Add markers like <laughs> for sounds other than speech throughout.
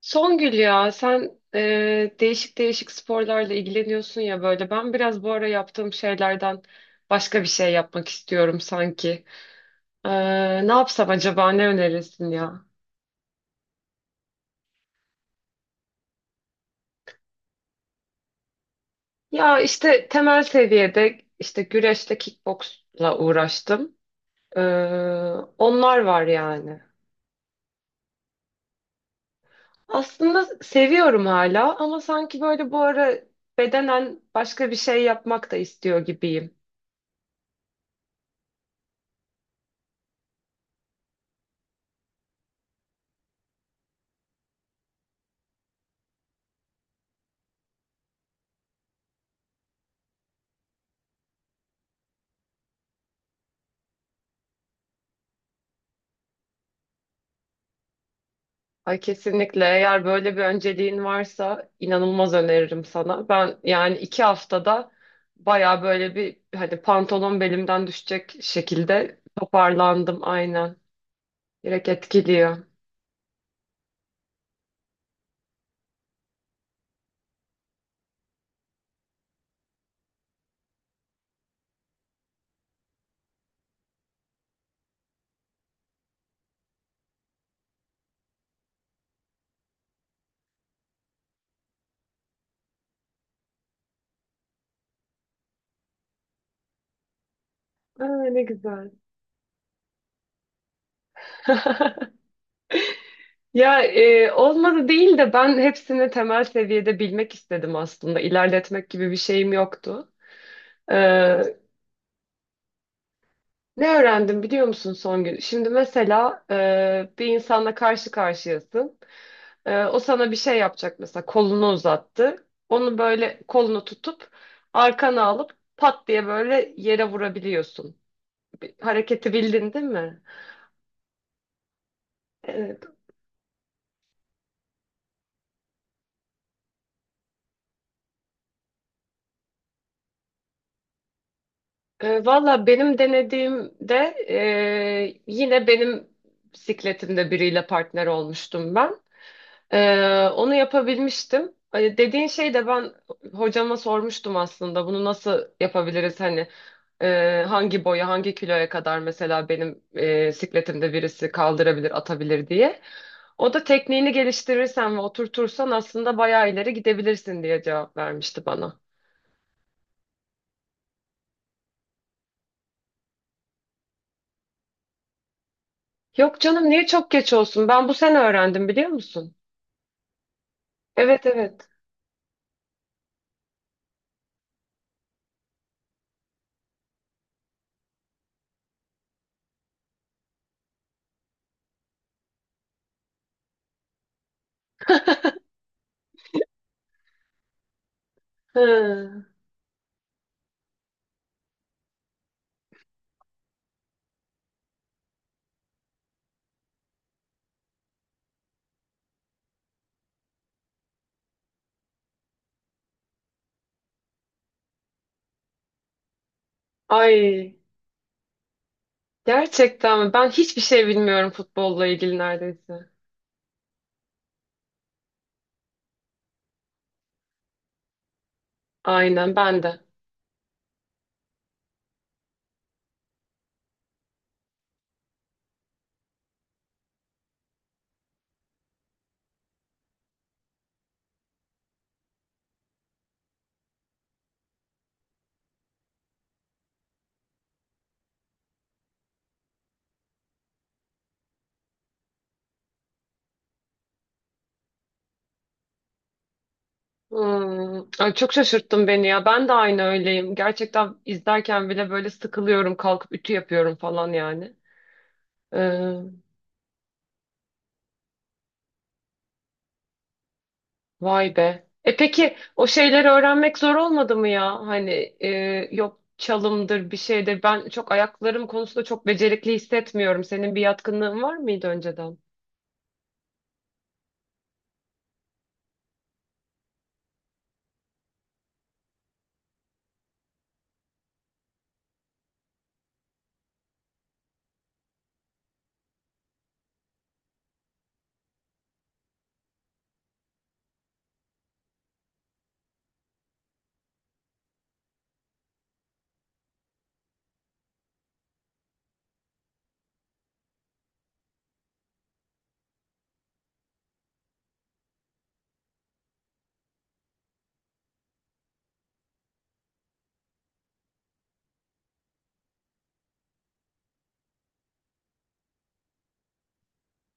Songül, ya sen değişik değişik sporlarla ilgileniyorsun ya böyle. Ben biraz bu ara yaptığım şeylerden başka bir şey yapmak istiyorum sanki. E, Ne yapsam acaba, ne önerirsin ya? Ya işte temel seviyede işte güreşle kickboksla uğraştım. E, Onlar var yani. Aslında seviyorum hala ama sanki böyle bu ara bedenen başka bir şey yapmak da istiyor gibiyim. Ay kesinlikle, eğer böyle bir önceliğin varsa inanılmaz öneririm sana. Ben yani iki haftada baya böyle bir hani pantolon belimden düşecek şekilde toparlandım, aynen. Direkt etkiliyor. Aa, ne güzel. <laughs> Ya olmadı değil de ben hepsini temel seviyede bilmek istedim aslında. İlerletmek gibi bir şeyim yoktu. E, Ne öğrendim biliyor musun son gün? Şimdi mesela bir insanla karşı karşıyasın. O sana bir şey yapacak, mesela kolunu uzattı. Onu böyle kolunu tutup arkana alıp pat diye böyle yere vurabiliyorsun. Bir hareketi bildin değil mi? Evet. Valla benim denediğimde yine benim bisikletimde biriyle partner olmuştum ben. Onu yapabilmiştim. Dediğin şey de ben hocama sormuştum aslında bunu nasıl yapabiliriz hani hangi boya, hangi kiloya kadar mesela benim sikletimde birisi kaldırabilir, atabilir diye. O da tekniğini geliştirirsen ve oturtursan aslında bayağı ileri gidebilirsin diye cevap vermişti bana. Yok canım, niye çok geç olsun? Ben bu sene öğrendim, biliyor musun? Evet, evet. Hı. Ay, gerçekten mi? Ben hiçbir şey bilmiyorum futbolla ilgili neredeyse. Aynen, ben de. Hmm, ay çok şaşırttın beni ya. Ben de aynı öyleyim. Gerçekten izlerken bile böyle sıkılıyorum, kalkıp ütü yapıyorum falan yani. Ee, Vay be. E peki o şeyleri öğrenmek zor olmadı mı ya? Hani e, yok çalımdır bir şeydir. Ben çok ayaklarım konusunda çok becerikli hissetmiyorum. Senin bir yatkınlığın var mıydı önceden?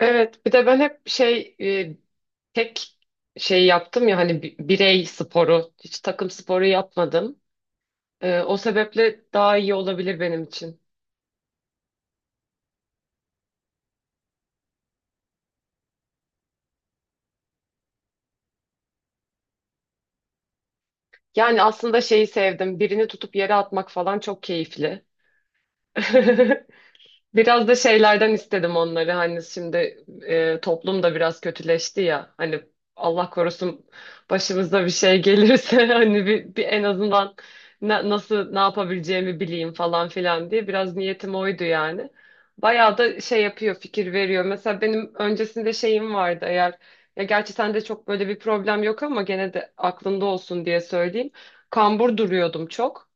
Evet, bir de ben hep şey tek şey yaptım ya hani bi- birey sporu, hiç takım sporu yapmadım. O sebeple daha iyi olabilir benim için. Yani aslında şeyi sevdim. Birini tutup yere atmak falan çok keyifli. <laughs> Biraz da şeylerden istedim onları. Hani şimdi toplum da biraz kötüleşti ya. Hani Allah korusun başımıza bir şey gelirse <laughs> hani bir, bir en azından na- nasıl ne yapabileceğimi bileyim falan filan diye biraz niyetim oydu yani. Bayağı da şey yapıyor, fikir veriyor. Mesela benim öncesinde şeyim vardı eğer, ya gerçi sende çok böyle bir problem yok ama gene de aklında olsun diye söyleyeyim. Kambur duruyordum çok,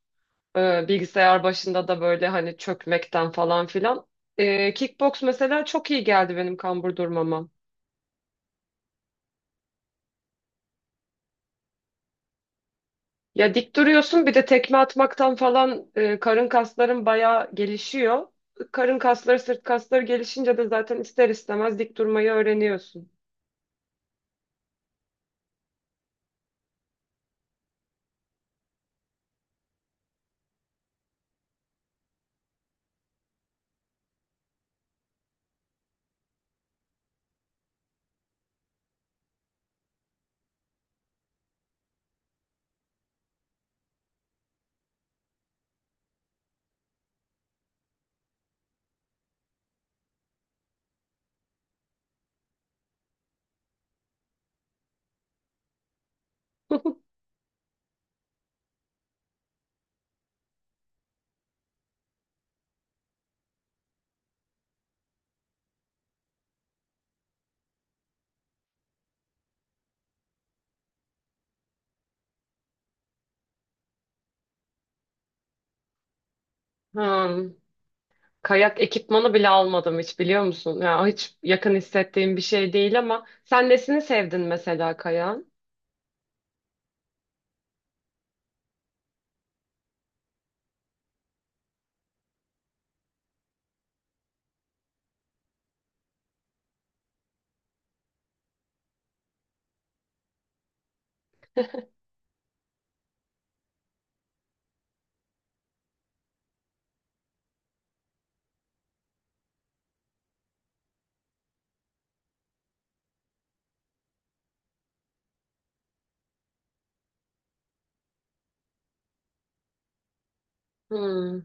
bilgisayar başında da böyle hani çökmekten falan filan. E, kickbox mesela çok iyi geldi benim kambur durmama. Ya dik duruyorsun, bir de tekme atmaktan falan karın kasların bayağı gelişiyor. Karın kasları, sırt kasları gelişince de zaten ister istemez dik durmayı öğreniyorsun. <laughs> Ha. Kayak ekipmanı bile almadım hiç, biliyor musun? Ya hiç yakın hissettiğim bir şey değil ama sen nesini sevdin mesela kayağın? Hmm.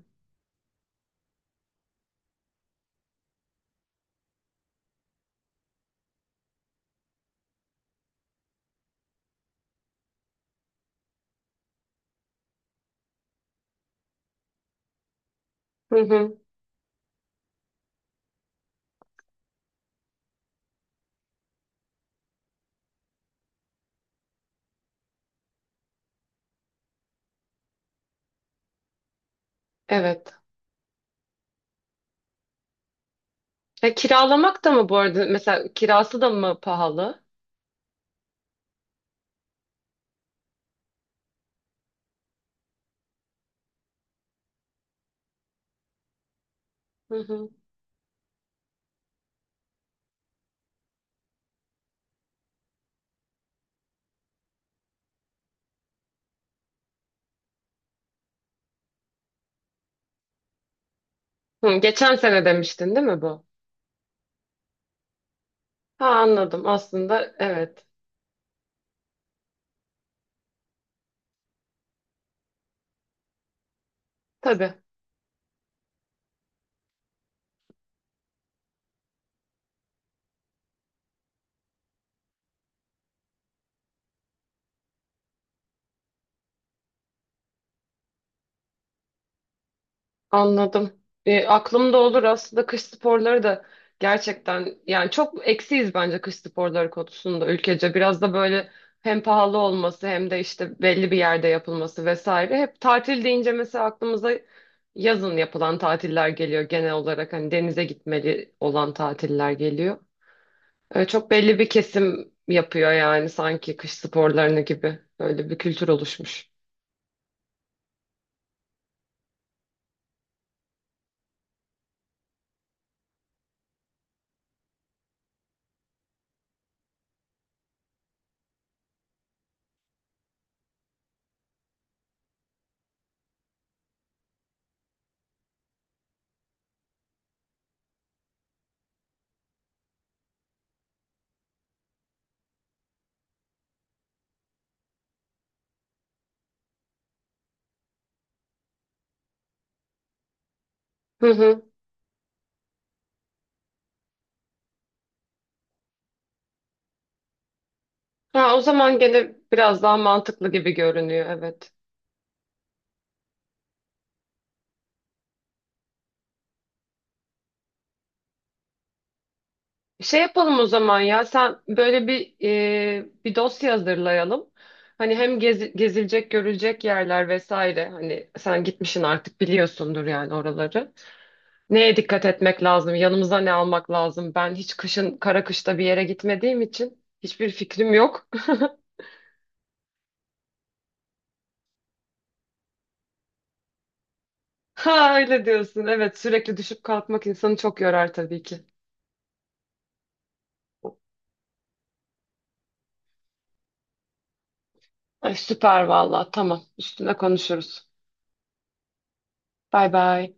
Hı hı. Evet. E, kiralamak da mı bu arada? Mesela kirası da mı pahalı? Hı hı. Hı, geçen sene demiştin değil mi bu? Ha, anladım aslında, evet. Tabii. Anladım. E, aklımda olur aslında kış sporları da gerçekten, yani çok eksiyiz bence kış sporları konusunda ülkece. Biraz da böyle hem pahalı olması hem de işte belli bir yerde yapılması vesaire. Hep tatil deyince mesela aklımıza yazın yapılan tatiller geliyor genel olarak, hani denize gitmeli olan tatiller geliyor. E, çok belli bir kesim yapıyor yani, sanki kış sporlarını gibi böyle bir kültür oluşmuş. Hı hı. Ha, o zaman gene biraz daha mantıklı gibi görünüyor, evet. Şey yapalım o zaman ya, sen böyle bir bir dosya hazırlayalım. Hani hem gezi- gezilecek görülecek yerler vesaire, hani sen gitmişsin artık biliyorsundur yani oraları. Neye dikkat etmek lazım? Yanımıza ne almak lazım? Ben hiç kışın, kara kışta bir yere gitmediğim için hiçbir fikrim yok. <laughs> Ha, öyle diyorsun. Evet, sürekli düşüp kalkmak insanı çok yorar tabii ki. Ay, süper valla, tamam, üstüne konuşuruz. Bay bay.